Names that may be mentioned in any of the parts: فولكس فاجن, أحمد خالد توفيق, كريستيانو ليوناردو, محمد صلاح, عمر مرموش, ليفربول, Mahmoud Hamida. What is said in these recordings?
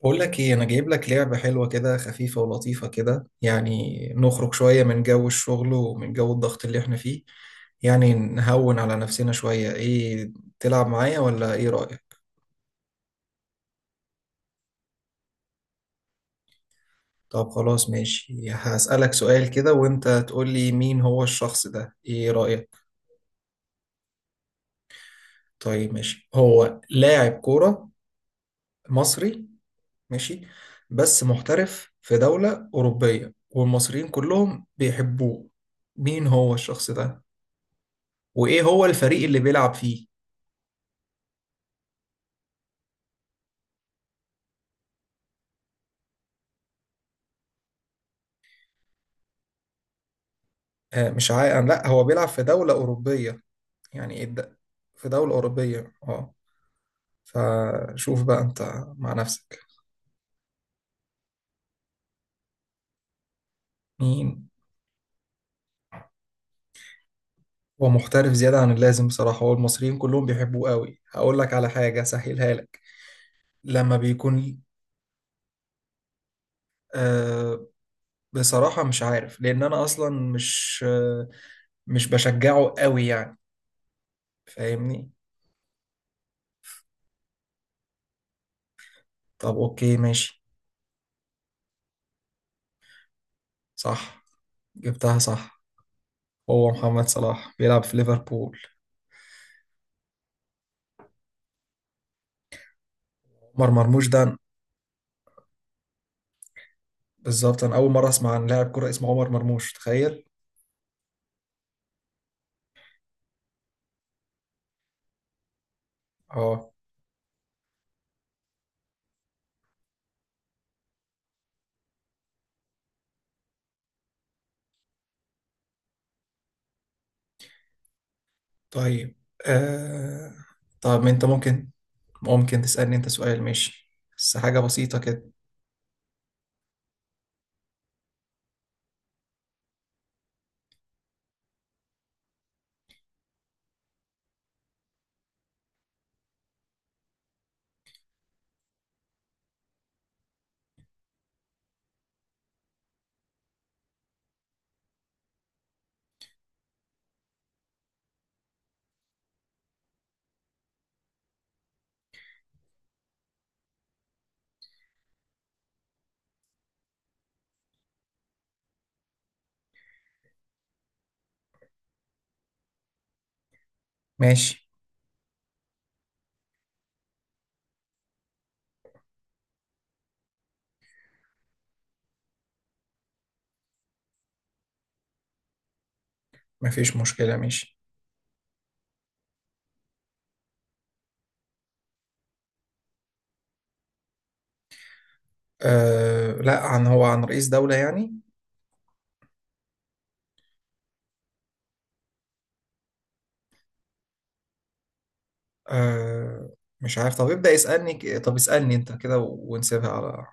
بقول لك ايه؟ انا جايب لك لعبة حلوة كده، خفيفة ولطيفة كده، يعني نخرج شوية من جو الشغل ومن جو الضغط اللي احنا فيه. يعني نهون على نفسنا شوية. ايه، تلعب معايا ولا ايه رأيك؟ طب خلاص، ماشي. هسألك سؤال كده وانت تقول لي مين هو الشخص ده، ايه رأيك؟ طيب ماشي. هو لاعب كورة مصري. ماشي. بس محترف في دولة أوروبية، والمصريين كلهم بيحبوه. مين هو الشخص ده، وايه هو الفريق اللي بيلعب فيه؟ آه مش عا... آه، لا، هو بيلعب في دولة أوروبية. يعني إيه الد... في دولة أوروبية اه فشوف بقى انت مع نفسك. مين؟ هو محترف زيادة عن اللازم بصراحة، هو المصريين كلهم بيحبوه قوي. هقول لك على حاجة سهلها لك. لما بيكون آه بصراحة مش عارف، لأن أنا أصلا مش. مش بشجعه قوي يعني. فاهمني؟ طب أوكي ماشي. صح. جبتها صح. هو محمد صلاح بيلعب في ليفربول. عمر مرموش ده؟ بالظبط، انا اول مره اسمع عن لاعب كره اسمه عمر مرموش، تخيل. اه. طيب. آه... طب ما انت ممكن تسالني انت سؤال، ماشي. بس حاجه بسيطه كده. ماشي مفيش مشكله، ماشي. لا، عن رئيس دوله يعني. آه... مش عارف. طب ابدا، طب اسالني انت كده، ونسيبها على.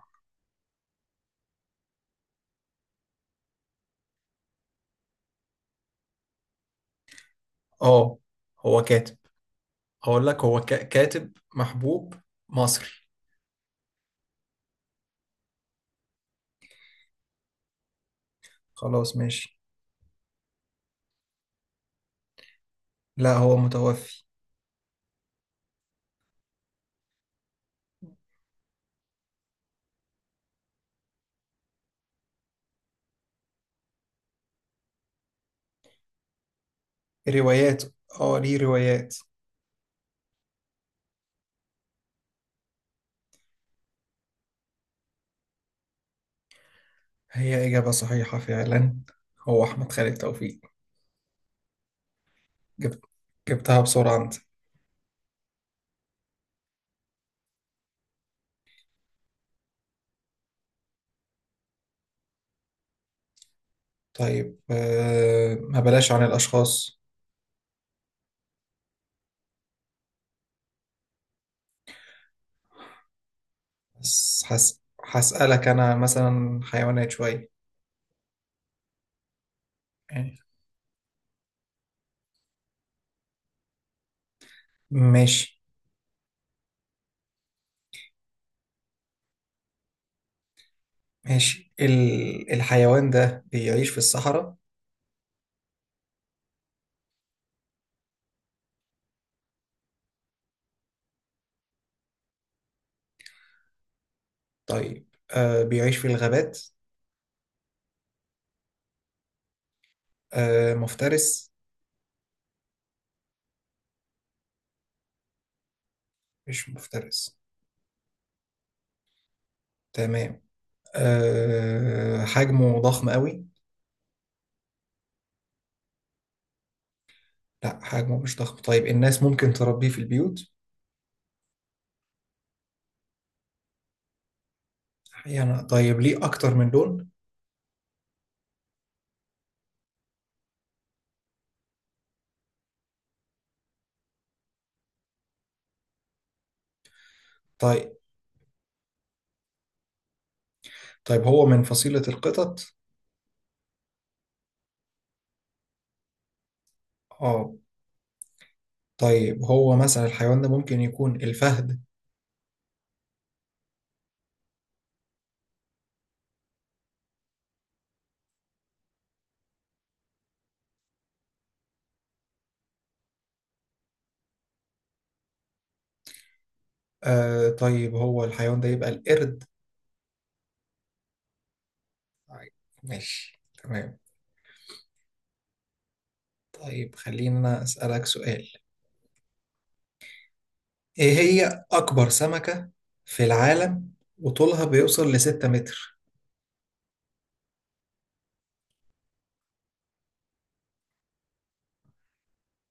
اه، هو كاتب. هقول لك هو كاتب محبوب مصري. خلاص ماشي. لا، هو متوفي. روايات. اه، ليه روايات. هي إجابة صحيحة فعلا. هو أحمد خالد توفيق. جبت جبتها بسرعة أنت. طيب، ما بلاش عن الأشخاص. بس هسألك أنا مثلا حيوانات شوية. يعني ماشي. ماشي، الحيوان ده بيعيش في الصحراء؟ طيب، بيعيش في الغابات؟ مفترس؟ مش مفترس. تمام. حجمه ضخم قوي؟ لا، حجمه مش ضخم. طيب الناس ممكن تربيه في البيوت؟ يعني طيب، ليه أكتر من لون؟ طيب. طيب هو من فصيلة القطط؟ اه. طيب، هو مثلا الحيوان ده ممكن يكون الفهد؟ طيب هو الحيوان ده يبقى القرد؟ طيب، ماشي تمام. طيب خلينا أنا أسألك سؤال. إيه هي أكبر سمكة في العالم وطولها بيوصل لستة متر؟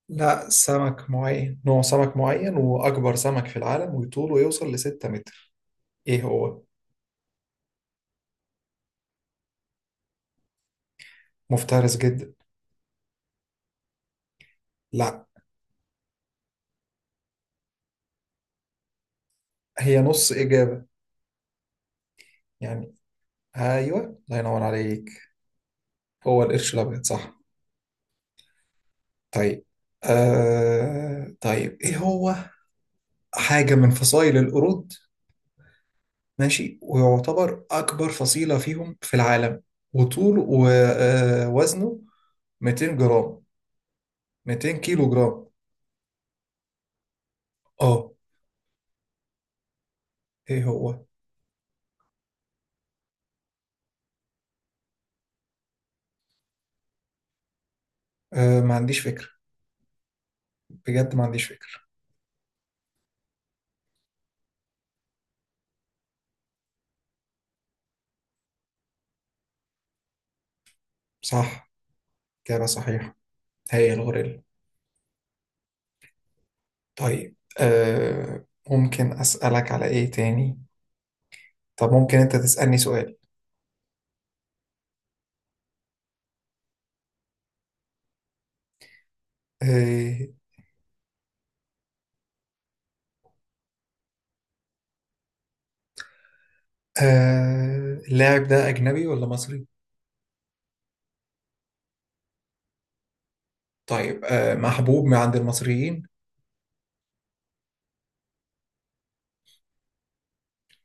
لا، سمك معين، نوع سمك معين، وأكبر سمك في العالم وطوله يوصل لستة متر. ايه هو؟ مفترس جدا. لا. هي نص إجابة يعني. أيوه، الله ينور عليك. هو القرش الأبيض، صح. طيب. طيب، إيه هو حاجة من فصائل القرود، ماشي، ويعتبر أكبر فصيلة فيهم في العالم، وطوله ووزنه 200 جرام، 200 كيلو جرام. آه إيه هو؟ ما عنديش فكرة، بجد ما عنديش فكرة. صح، إجابة صحيحة، هي الغوريلا. طيب، ممكن أسألك على إيه تاني. طب ممكن انت تسألني سؤال. آه اللاعب ده اجنبي ولا مصري؟ طيب، محبوب من عند المصريين.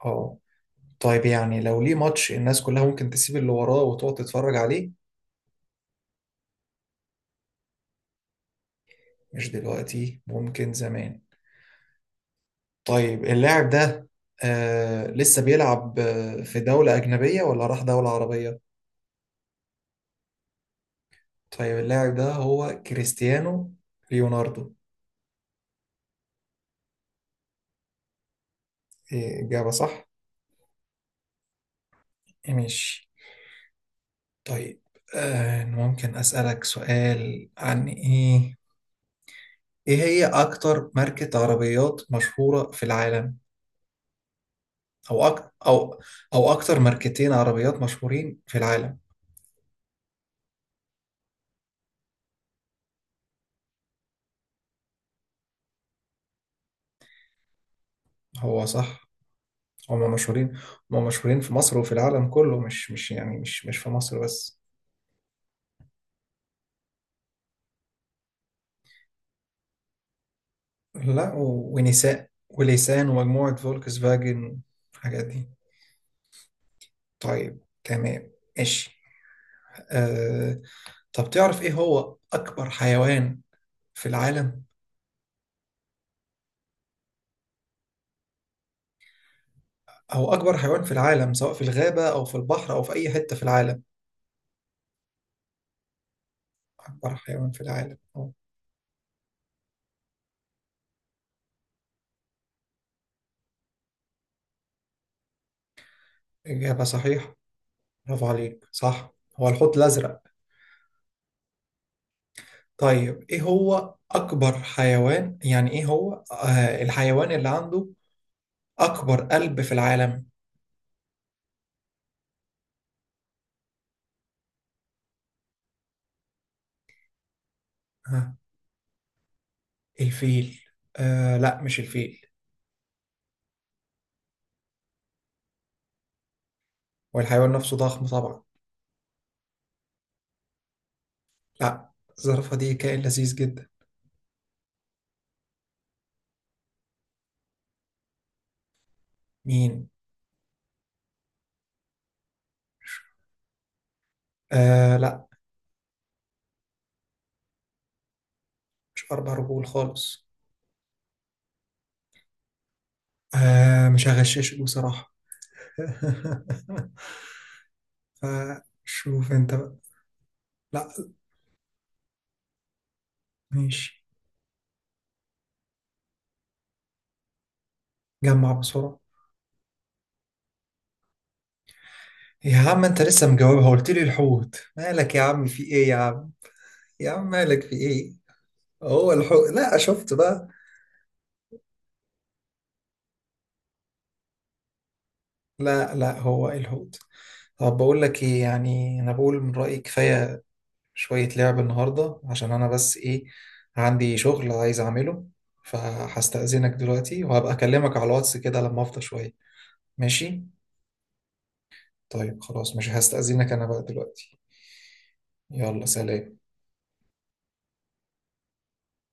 اه. طيب يعني، لو ليه ماتش الناس كلها ممكن تسيب اللي وراه وتقعد تتفرج عليه؟ مش دلوقتي، ممكن زمان. طيب، اللاعب ده لسه بيلعب، في دولة أجنبية ولا راح دولة عربية؟ طيب، اللاعب ده هو كريستيانو ليوناردو. إيه، إجابة صح. ماشي. طيب، ممكن أسألك سؤال عن إيه. إيه هي أكتر ماركة عربيات مشهورة في العالم؟ أو، أو أكتر ماركتين عربيات مشهورين في العالم؟ هو صح، هما مشهورين. هما مشهورين في مصر وفي العالم كله، مش يعني، مش في مصر بس. لا، ونساء وليسان ومجموعة فولكس فاجن، الحاجات دي. طيب تمام. ماشي. آه... طب تعرف إيه هو أكبر حيوان في العالم؟ هو أكبر حيوان في العالم، سواء في الغابة أو في البحر أو في أي حتة في العالم. أكبر حيوان في العالم، أه. إجابة صحيحة، برافو عليك، صح. هو الحوت الأزرق. طيب، إيه هو أكبر حيوان، يعني إيه هو الحيوان اللي عنده أكبر قلب في العالم؟ ها. الفيل. لا، مش الفيل. والحيوان نفسه ضخم طبعا. لا، الزرافة دي كائن لذيذ جدا. مين؟ لا، مش أربع رجول خالص. مش هغششك بصراحة. فشوف انت بقى. لا. ماشي. جمع بسرعة. يا عم انت لسه مجاوبها، قلت لي الحوت، مالك يا عم، في ايه يا عم؟ يا عم مالك، في ايه؟ هو الحوت، لا، شفت بقى. لا، لا، هو الحوت. طب بقول لك ايه، يعني انا بقول من رأيي كفاية شوية لعب النهاردة، عشان انا بس ايه، عندي شغل عايز اعمله. فهستأذنك دلوقتي، وهبقى اكلمك على الواتس كده لما افضى شوية. ماشي. طيب خلاص، مش هستأذنك انا بقى دلوقتي. يلا سلام.